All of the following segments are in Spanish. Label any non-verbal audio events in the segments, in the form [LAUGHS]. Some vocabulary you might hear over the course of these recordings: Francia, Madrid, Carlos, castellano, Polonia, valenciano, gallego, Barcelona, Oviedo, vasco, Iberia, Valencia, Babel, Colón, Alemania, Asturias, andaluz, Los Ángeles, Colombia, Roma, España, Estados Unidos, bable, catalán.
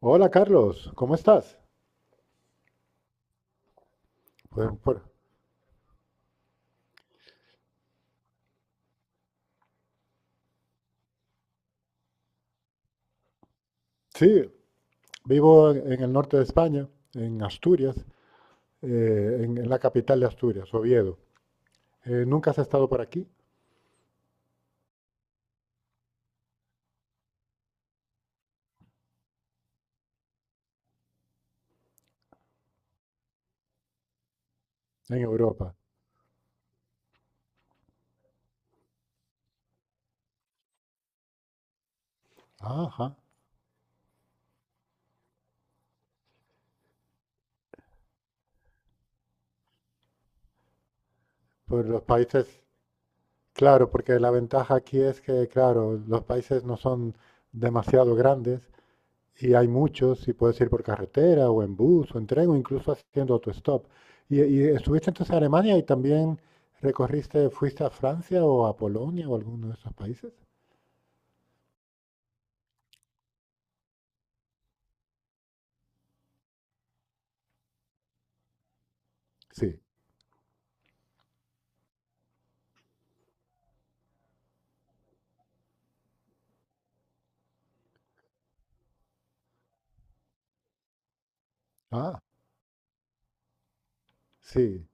Hola Carlos, ¿cómo estás? Pues, por- sí, vivo en el norte de España, en Asturias, en la capital de Asturias, Oviedo. ¿Nunca has estado por aquí, en Europa? Ajá, por los países, claro, porque la ventaja aquí es que, claro, los países no son demasiado grandes. Y hay muchos, y puedes ir por carretera o en bus o en tren o incluso haciendo autostop. Y estuviste entonces en Alemania y también recorriste, fuiste a Francia o a Polonia o alguno de esos países. Sí. Ah, sí.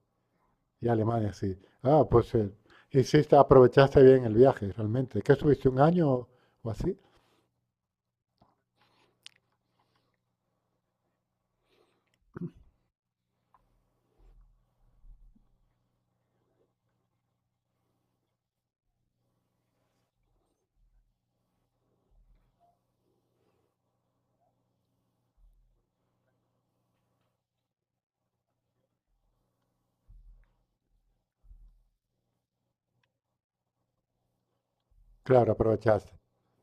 Y Alemania, sí. Ah, pues hiciste, aprovechaste bien el viaje, realmente. ¿Qué estuviste un año o así? Claro, aprovechaste.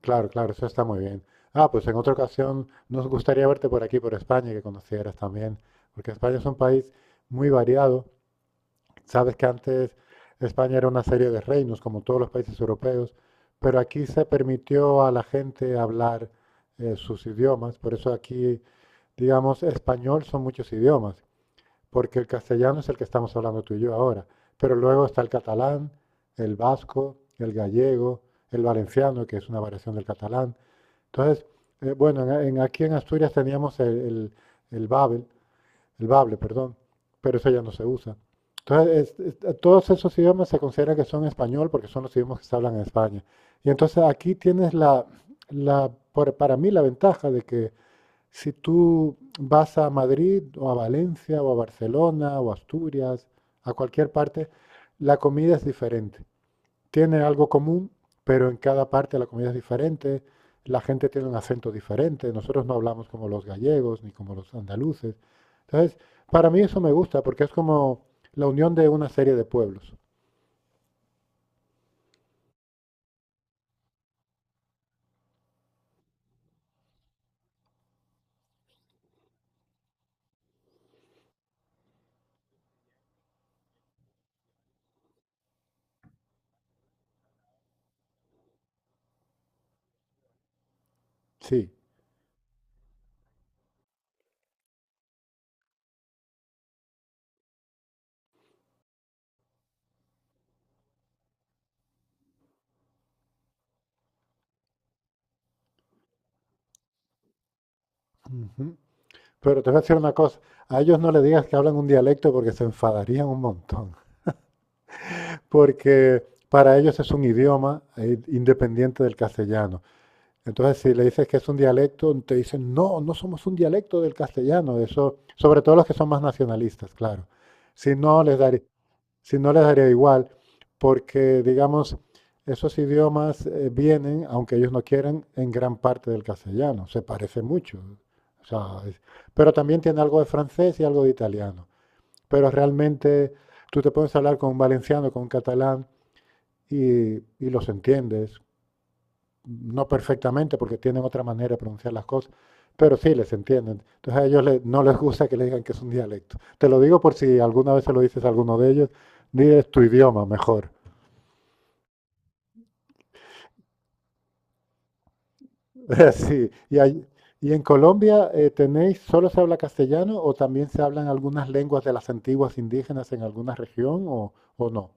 Claro, claro, eso está muy bien. Ah, pues en otra ocasión nos gustaría verte por aquí, por España, y que conocieras también, porque España es un país muy variado. Sabes que antes España era una serie de reinos, como todos los países europeos, pero aquí se permitió a la gente hablar sus idiomas, por eso aquí, digamos, español son muchos idiomas, porque el castellano es el que estamos hablando tú y yo ahora, pero luego está el catalán, el vasco, el gallego, el valenciano, que es una variación del catalán. Entonces, bueno, aquí en Asturias teníamos el Babel, el bable, perdón, pero eso ya no se usa. Entonces, todos esos idiomas se considera que son español porque son los idiomas que se hablan en España. Y entonces aquí tienes para mí la ventaja de que si tú vas a Madrid o a Valencia o a Barcelona o a Asturias, a cualquier parte, la comida es diferente. Tiene algo común, pero en cada parte la comida es diferente. La gente tiene un acento diferente. Nosotros no hablamos como los gallegos ni como los andaluces. Entonces, para mí eso me gusta porque es como la unión de una serie de pueblos. Sí. Ujú. Pero te voy a decir una cosa, a ellos no le digas que hablan un dialecto porque se enfadarían un montón, [LAUGHS] porque para ellos es un idioma independiente del castellano. Entonces, si le dices que es un dialecto, te dicen, no, no somos un dialecto del castellano, eso, sobre todo los que son más nacionalistas, claro. Si no les daría, si no les daría igual, porque, digamos, esos idiomas vienen, aunque ellos no quieran, en gran parte del castellano, se parece mucho. O sea, es- pero también tiene algo de francés y algo de italiano. Pero realmente tú te puedes hablar con un valenciano, con un catalán y los entiendes, no perfectamente porque tienen otra manera de pronunciar las cosas, pero sí les entienden. Entonces a ellos le- no les gusta que les digan que es un dialecto. Te lo digo por si alguna vez se lo dices a alguno de ellos, diles tu idioma mejor. [LAUGHS] Sí, y, ahí- y en Colombia tenéis, ¿solo se habla castellano o también se hablan algunas lenguas de las antiguas indígenas en alguna región o no?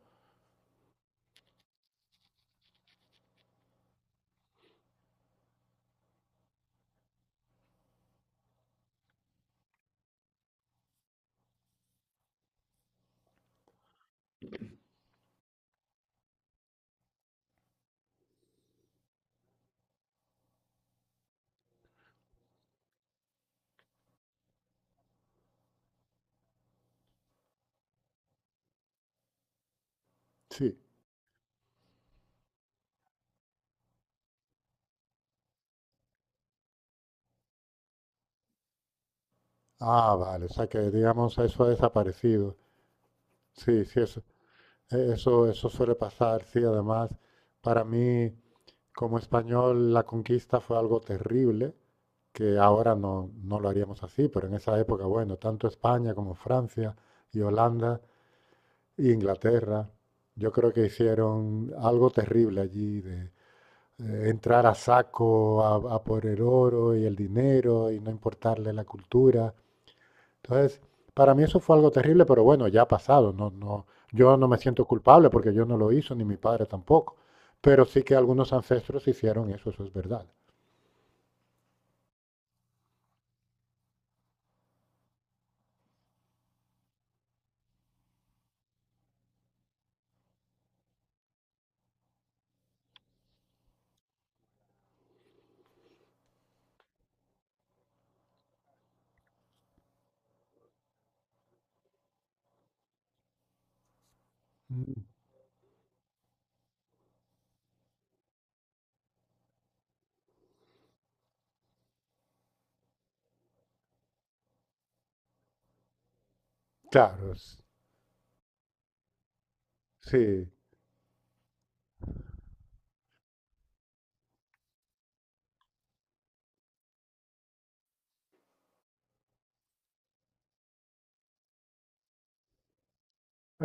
Sí. Ah, vale, o sea que digamos eso ha desaparecido. Sí, sí, eso, eso, eso suele pasar, sí, además, para mí... Como español, la conquista fue algo terrible, que ahora no, no lo haríamos así, pero en esa época, bueno, tanto España como Francia y Holanda e Inglaterra, yo creo que hicieron algo terrible allí de entrar a saco a por el oro y el dinero y no importarle la cultura. Entonces, para mí eso fue algo terrible, pero bueno, ya ha pasado. No, no, yo no me siento culpable porque yo no lo hice, ni mi padre tampoco. Pero sí que algunos ancestros hicieron eso, eso es verdad. Mm, claro, s- sí,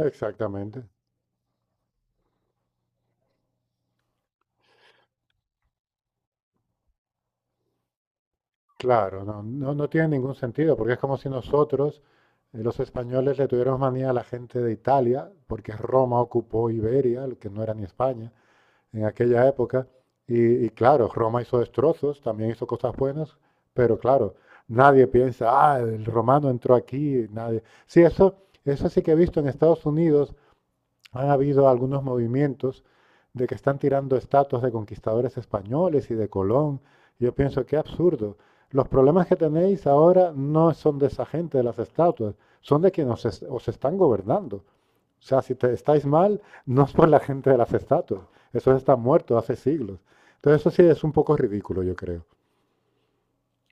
exactamente. Claro, no, no, no tiene ningún sentido, porque es como si nosotros, los españoles, le tuviéramos manía a la gente de Italia, porque Roma ocupó Iberia, lo que no era ni España, en aquella época. Y claro, Roma hizo destrozos, también hizo cosas buenas, pero claro, nadie piensa, ah, el romano entró aquí, nadie. Sí, eso sí que he visto en Estados Unidos. Han habido algunos movimientos de que están tirando estatuas de conquistadores españoles y de Colón. Yo pienso, qué absurdo. Los problemas que tenéis ahora no son de esa gente, de las estatuas, son de quienes os están gobernando. O sea, si te estáis mal, no es por la gente de las estatuas. Eso está muerto hace siglos. Entonces eso sí es un poco ridículo, yo creo.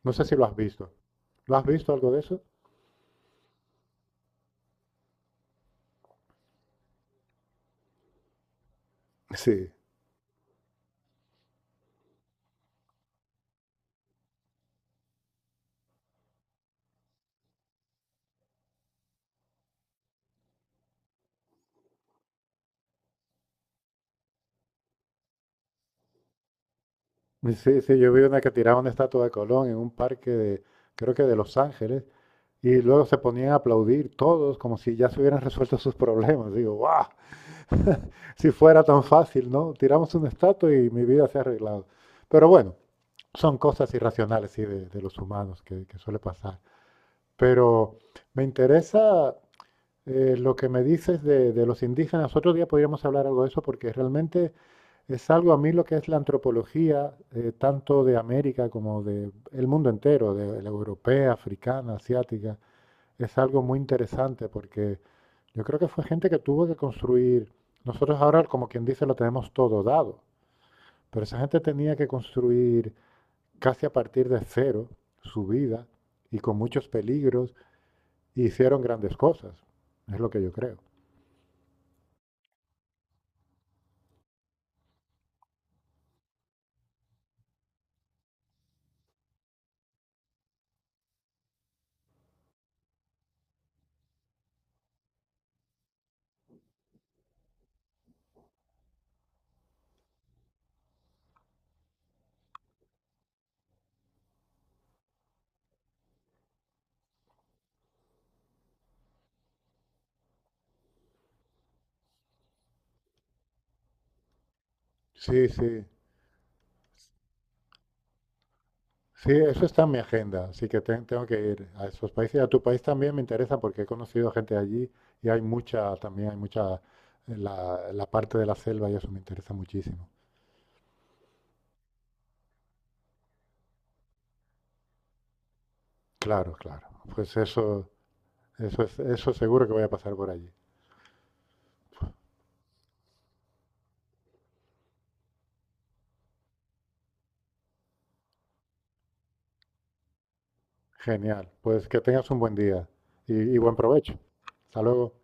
No sé si lo has visto. ¿Lo has visto algo de eso? Sí. Sí, sí, yo vi una que tiraba una estatua de Colón en un parque de, creo que de Los Ángeles, y luego se ponían a aplaudir todos como si ya se hubieran resuelto sus problemas. Digo, ¡guau! [LAUGHS] Si fuera tan fácil, ¿no? Tiramos una estatua y mi vida se ha arreglado. Pero bueno, son cosas irracionales sí, de los humanos que suele pasar. Pero me interesa lo que me dices de los indígenas. Otro día podríamos hablar algo de eso porque realmente es algo a mí lo que es la antropología, tanto de América como de el mundo entero, de la europea, africana, asiática es algo muy interesante porque yo creo que fue gente que tuvo que construir, nosotros ahora como quien dice lo tenemos todo dado, pero esa gente tenía que construir casi a partir de cero su vida y con muchos peligros y hicieron grandes cosas, es lo que yo creo. Sí, sí, sí, eso está en mi agenda, así que te- tengo que ir a esos países. A tu país también me interesa porque he conocido gente allí y hay mucha, también hay mucha, la parte de la selva y eso me interesa muchísimo. Claro, claro. Pues eso es, eso seguro que voy a pasar por allí. Genial. Pues que tengas un buen día y buen provecho. Hasta luego.